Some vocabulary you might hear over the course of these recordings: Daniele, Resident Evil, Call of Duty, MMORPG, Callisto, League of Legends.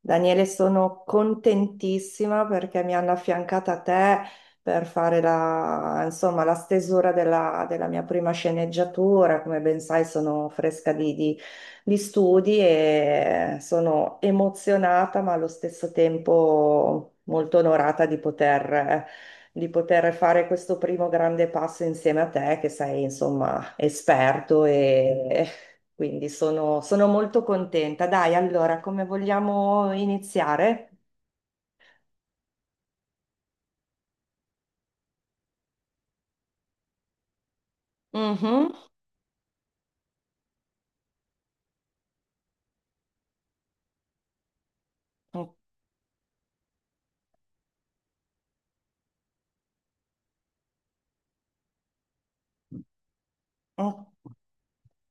Daniele, sono contentissima perché mi hanno affiancata a te per fare la stesura della mia prima sceneggiatura. Come ben sai, sono fresca di studi e sono emozionata, ma allo stesso tempo molto onorata di poter fare questo primo grande passo insieme a te, che sei, insomma, esperto e quindi sono molto contenta. Dai, allora, come vogliamo iniziare? Mhm.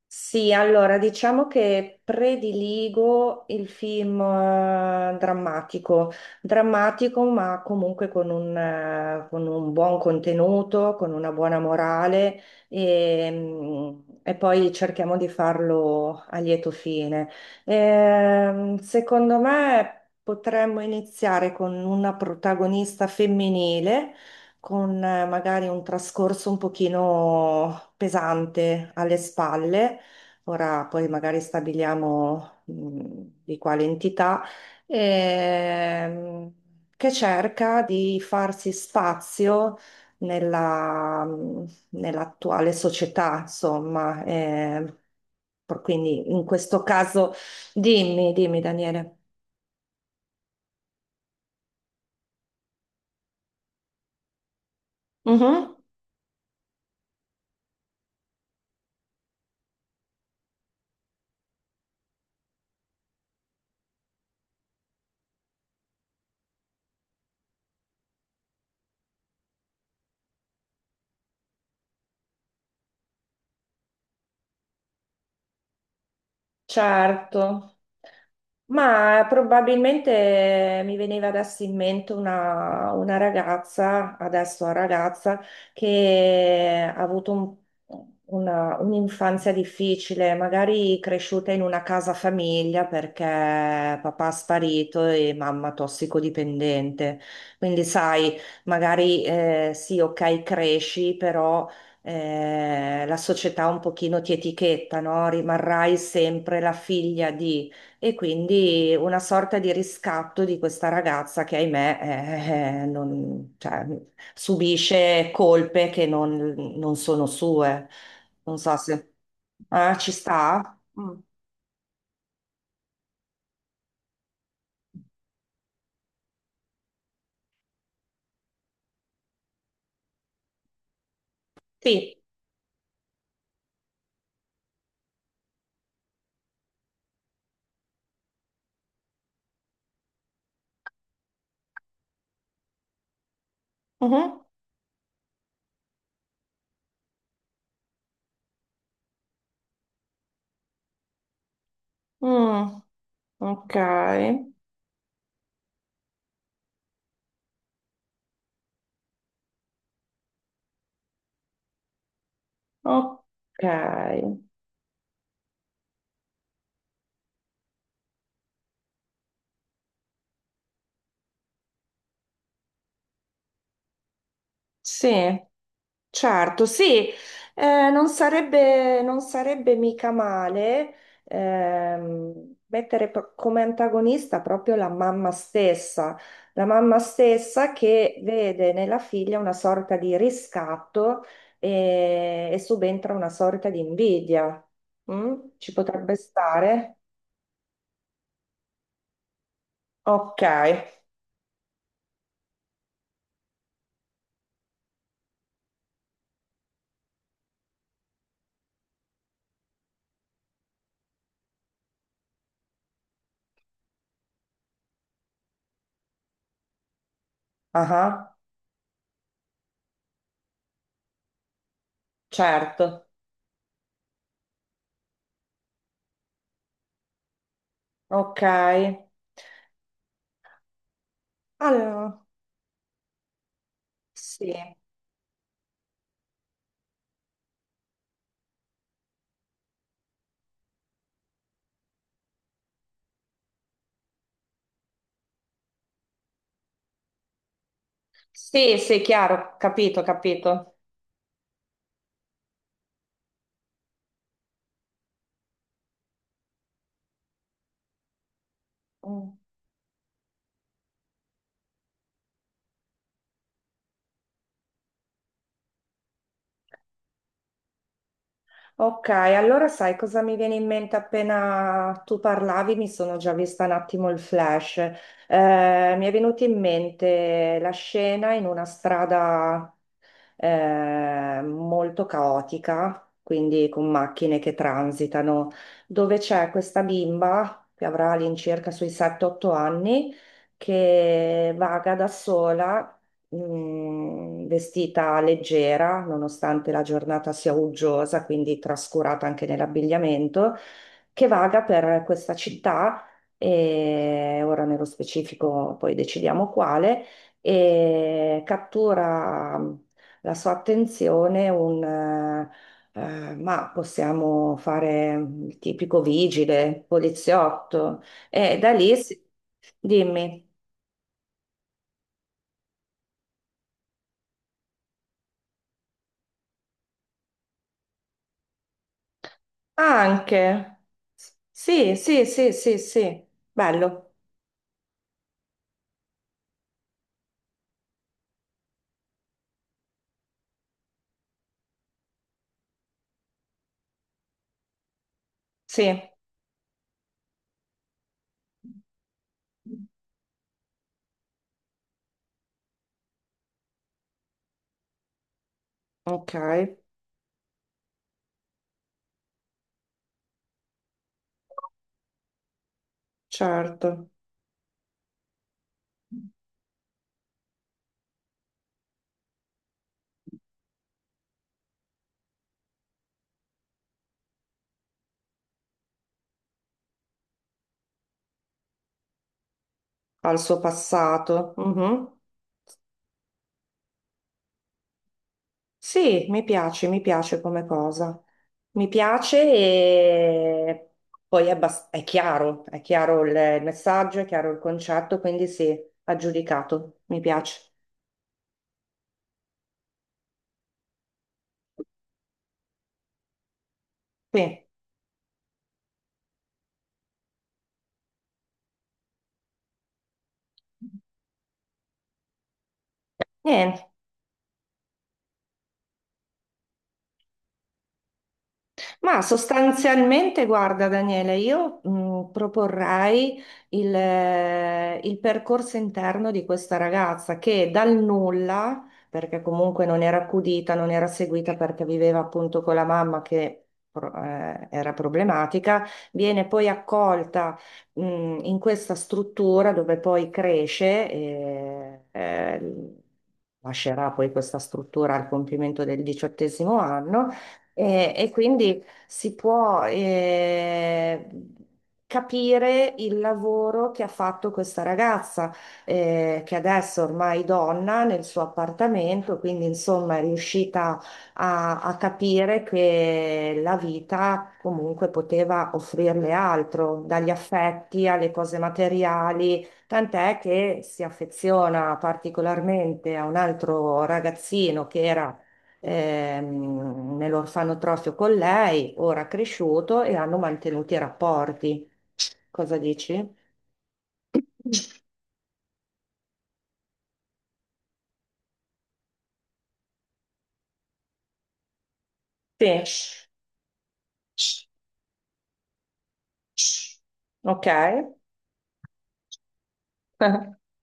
Sì, allora diciamo che prediligo il film drammatico, drammatico ma comunque con un buon contenuto, con una buona morale e, e poi cerchiamo di farlo a lieto fine. Secondo me potremmo iniziare con una protagonista femminile con magari un trascorso un pochino pesante alle spalle. Ora poi magari stabiliamo di quale entità, ehm, che cerca di farsi spazio nella, nell'attuale società, insomma. Quindi in questo caso, dimmi Daniele. Mhm, certo. Ma probabilmente mi veniva adesso in mente una ragazza, adesso una ragazza, che ha avuto un'infanzia difficile, magari cresciuta in una casa famiglia perché papà è sparito e mamma tossicodipendente. Quindi sai, magari sì, ok, cresci, però la società un pochino ti etichetta, no? Rimarrai sempre la figlia di... E quindi una sorta di riscatto di questa ragazza che, ahimè, subisce colpe che non sono sue. Non so se... Ah, ci sta? Mm. Sì. Mhm. Mm. Ok, ok, sì. Certo, sì, non sarebbe mica male ehm, mettere come antagonista proprio la mamma stessa che vede nella figlia una sorta di riscatto e subentra una sorta di invidia. Mm? Ci potrebbe stare? Ok, ah, certo, ok. Allora, sì, sì, sì, chiaro, capito, capito. Mm. Ok, allora sai cosa mi viene in mente appena tu parlavi? Mi sono già vista un attimo il flash. Mi è venuto in mente la scena in una strada molto caotica, quindi con macchine che transitano, dove c'è questa bimba che avrà all'incirca sui 7-8 anni che vaga da sola, vestita leggera, nonostante la giornata sia uggiosa, quindi trascurata anche nell'abbigliamento, che vaga per questa città, e ora nello specifico poi decidiamo quale, e cattura la sua attenzione ma possiamo fare il tipico vigile, poliziotto, e da lì. Dimmi, anche, sì, sì, sì, sì, sì, bello, sì, ok, certo, al suo passato. Mhm. Sì, mi piace come cosa. Mi piace e poi è chiaro il messaggio, è chiaro il concetto, quindi sì, aggiudicato, mi piace. Sì, niente. Ma sostanzialmente, guarda Daniele, io proporrei il percorso interno di questa ragazza che dal nulla, perché comunque non era accudita, non era seguita perché viveva appunto con la mamma che era problematica, viene poi accolta mh, in questa struttura dove poi cresce e lascerà poi questa struttura al compimento del 18° anno. E quindi si può capire il lavoro che ha fatto questa ragazza, che adesso ormai è donna nel suo appartamento, quindi insomma è riuscita a, a capire che la vita comunque poteva offrirle altro, dagli affetti alle cose materiali, tant'è che si affeziona particolarmente a un altro ragazzino che era nell'orfanotrofio con lei, ora cresciuto, e hanno mantenuto i rapporti. Cosa dici? Sì. Ok.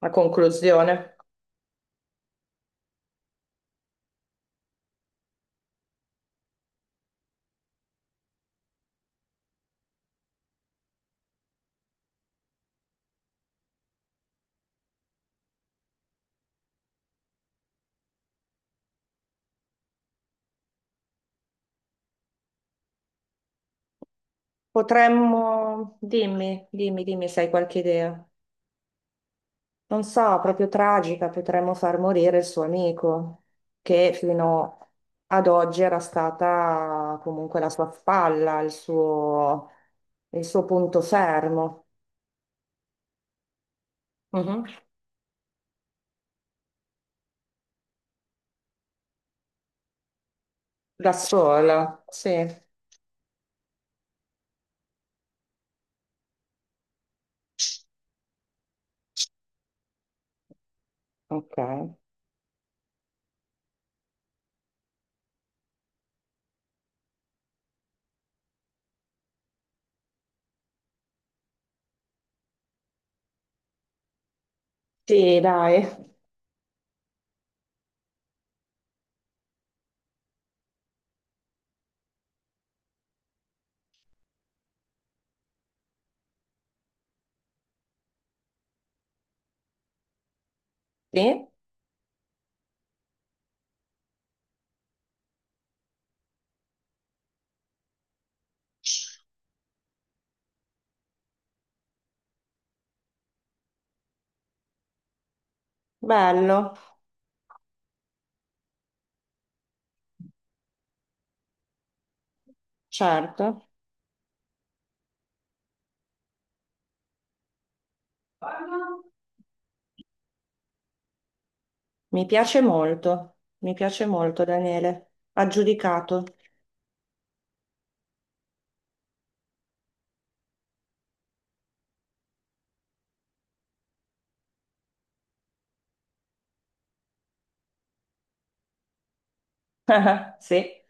La conclusione. Potremmo, dimmi se hai qualche idea. Non so, proprio tragica, potremmo far morire il suo amico, che fino ad oggi era stata comunque la sua spalla, il suo punto fermo. Mhm. Da sola, sì. Ok. Sì, dai. Sì, bello, certo. Mi piace molto, mi piace molto, Daniele. Aggiudicato. Sì,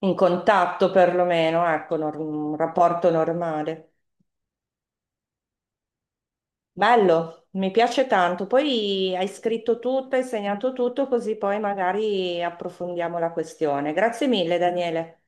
in contatto perlomeno, ecco, un rapporto normale. Bello, mi piace tanto. Poi hai scritto tutto, hai segnato tutto, così poi magari approfondiamo la questione. Grazie mille, Daniele.